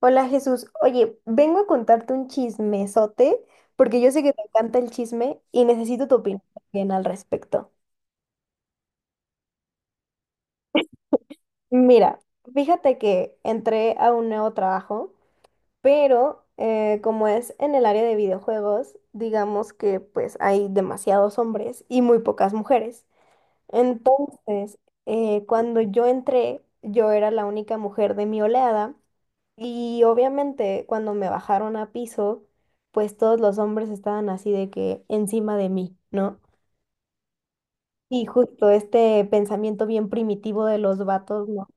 Hola Jesús, oye, vengo a contarte un chismesote porque yo sé que te encanta el chisme y necesito tu opinión también al respecto. Mira, fíjate que entré a un nuevo trabajo, pero como es en el área de videojuegos, digamos que pues hay demasiados hombres y muy pocas mujeres. Entonces, cuando yo entré, yo era la única mujer de mi oleada. Y obviamente cuando me bajaron a piso, pues todos los hombres estaban así de que encima de mí, ¿no? Y justo este pensamiento bien primitivo de los vatos, no.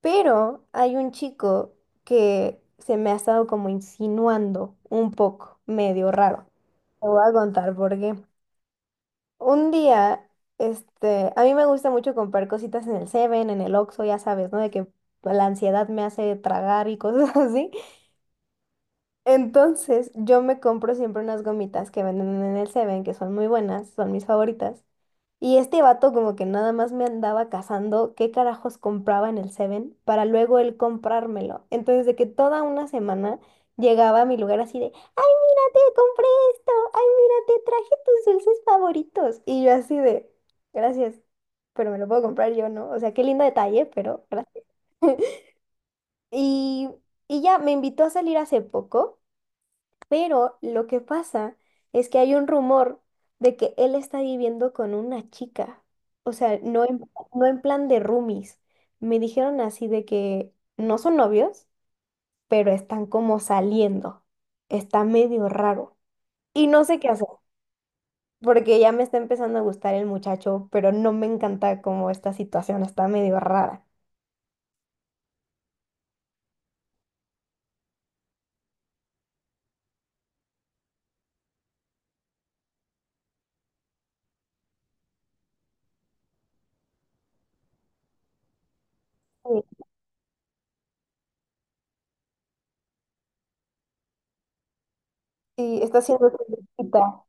Pero hay un chico que se me ha estado como insinuando un poco, medio raro. Te voy a contar por qué. Un día, este, a mí me gusta mucho comprar cositas en el Seven, en el Oxxo, ya sabes, ¿no? De que la ansiedad me hace tragar y cosas así. Entonces, yo me compro siempre unas gomitas que venden en el Seven, que son muy buenas, son mis favoritas. Y este vato como que nada más me andaba cazando qué carajos compraba en el Seven para luego él comprármelo. Entonces, de que toda una semana llegaba a mi lugar así de, ay, mira, te compré esto, ay, mira, te traje tus dulces favoritos. Y yo así de, gracias, pero me lo puedo comprar yo, ¿no? O sea, qué lindo detalle, pero gracias. Y, y ya me invitó a salir hace poco. Pero lo que pasa es que hay un rumor de que él está viviendo con una chica. O sea, no en, no en plan de roomies. Me dijeron así de que no son novios, pero están como saliendo. Está medio raro. Y no sé qué hacer, porque ya me está empezando a gustar el muchacho, pero no me encanta como esta situación está medio rara. Sí, sí, está siendo complicada.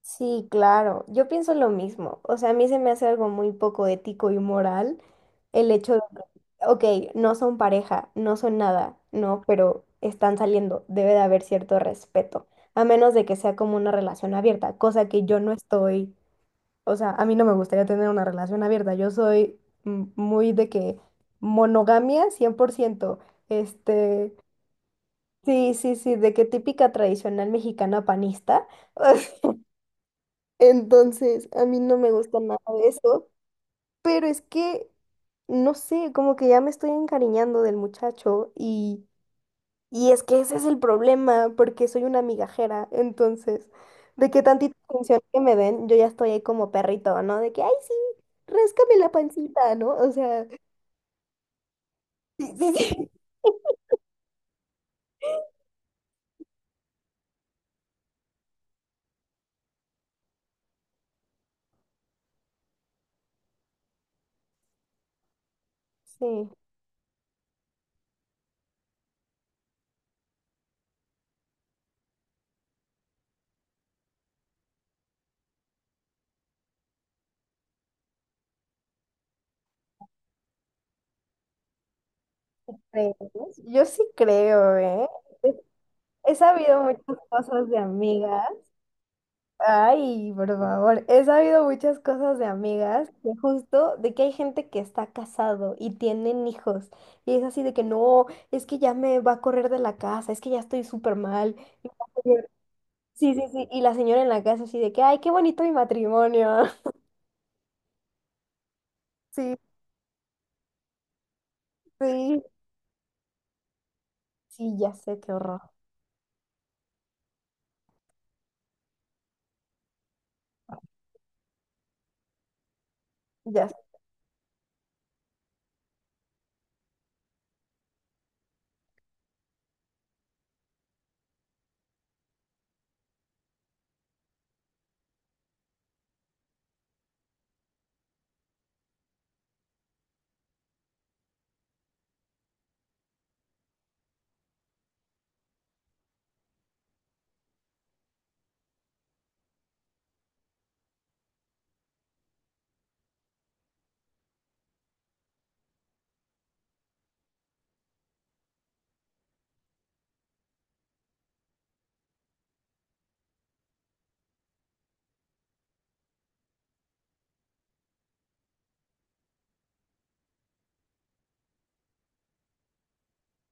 Sí, claro, yo pienso lo mismo. O sea, a mí se me hace algo muy poco ético y moral el hecho de que, ok, no son pareja, no son nada, ¿no? Pero están saliendo, debe de haber cierto respeto, a menos de que sea como una relación abierta, cosa que yo no estoy, o sea, a mí no me gustaría tener una relación abierta, yo soy muy de que monogamia 100% este, sí, sí, sí, de que típica tradicional mexicana panista. Entonces, a mí no me gusta nada de eso, pero es que, no sé, como que ya me estoy encariñando del muchacho y es que ese es el problema, porque soy una migajera, entonces, de que tantita atención que me den, yo ya estoy ahí como perrito, ¿no? De que, ay, sí, ráscame la pancita, ¿no? O sea, sí, sí, sí. Sí, ¿crees? Yo sí creo, ¿eh? He he sabido muchas cosas de amigas. Ay, por favor, he sabido muchas cosas de amigas, de justo de que hay gente que está casado y tienen hijos, y es así de que no, es que ya me va a correr de la casa, es que ya estoy súper mal. y la señora- Sí, sí, sí, y la señora en la casa así de que, ay, qué bonito mi matrimonio. Sí, sí, sí, ya sé, qué horror, ya sé.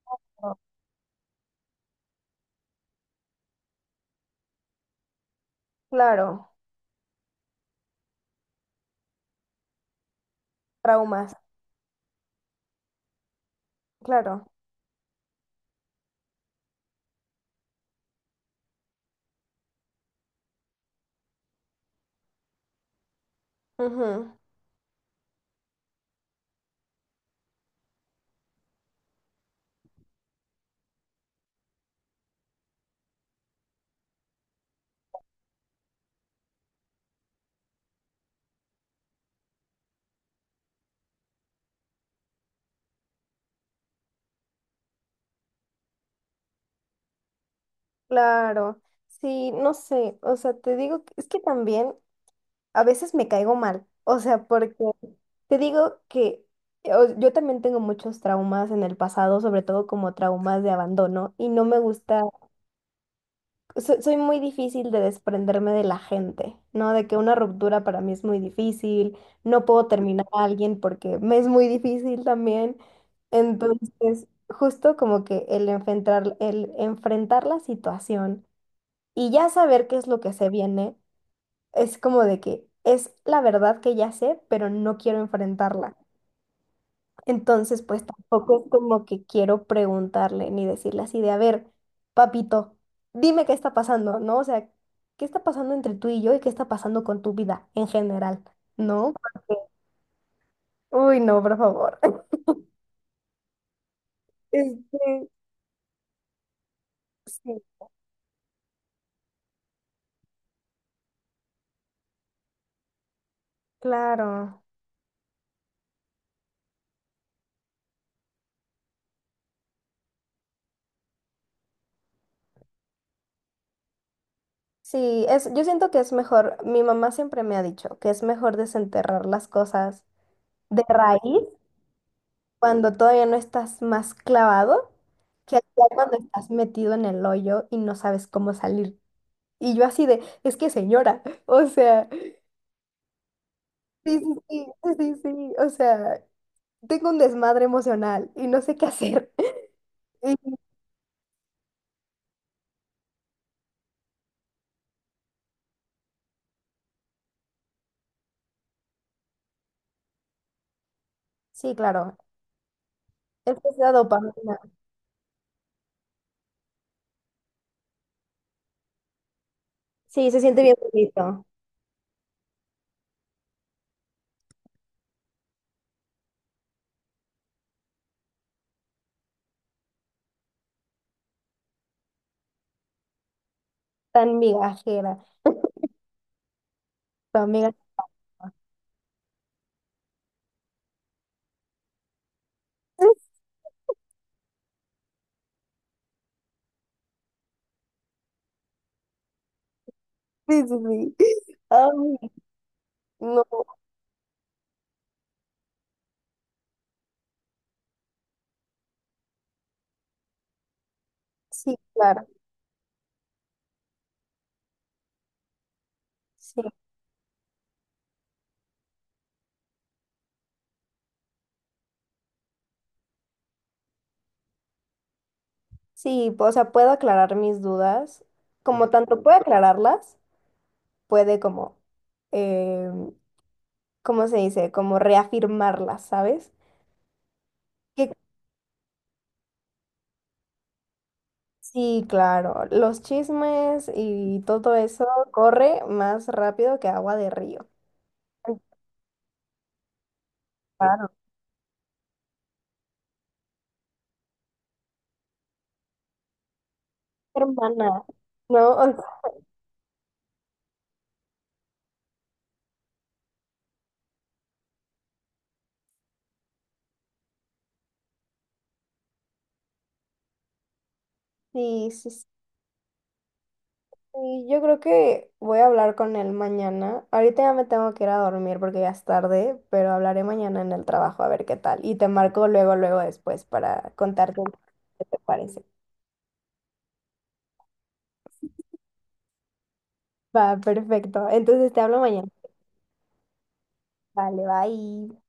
Qué horror. Claro, traumas, claro. Ujú, claro, sí, no sé, o sea, te digo, que- es que también a veces me caigo mal, o sea, porque te digo que yo también tengo muchos traumas en el pasado, sobre todo como traumas de abandono, y no me gusta, soy muy difícil de desprenderme de la gente, ¿no? De que una ruptura para mí es muy difícil, no puedo terminar a alguien porque me es muy difícil también. Entonces, justo como que el enfrentar la situación y ya saber qué es lo que se viene es como de que es la verdad que ya sé, pero no quiero enfrentarla. Entonces, pues tampoco es como que quiero preguntarle ni decirle así de, a ver, papito, dime qué está pasando, ¿no? O sea, ¿qué está pasando entre tú y yo y qué está pasando con tu vida en general? ¿No? Porque, uy, no, por favor. Este, sí, claro. Sí, es, yo siento que es mejor, mi mamá siempre me ha dicho que es mejor desenterrar las cosas de raíz cuando todavía no estás más clavado que al final cuando estás metido en el hoyo y no sabes cómo salir. Y yo así de, es que señora, o sea, sí, sí, sí, sí, sí, sí, o sea, tengo un desmadre emocional y no sé qué hacer. Y- sí, claro, es que es la dopamina. Sí, se siente bien bonito, tan migajera, tu amiga. Sí, sí, sí. Ay, no, sí, claro, sí. Sí, o sea, puedo aclarar mis dudas, como tanto puedo aclararlas, puede como, eh, ¿cómo se dice? Como reafirmarlas, ¿sabes? Que sí, claro, los chismes y todo eso corre más rápido que agua de río. Ay, claro. Hermana, ¿no? O sea, sí, sí, sí. Sí, yo creo que voy a hablar con él mañana. Ahorita ya me tengo que ir a dormir porque ya es tarde, pero hablaré mañana en el trabajo a ver qué tal. Y te marco luego, luego después para contarte qué te parece. Va, perfecto. Entonces te hablo mañana. Vale, bye.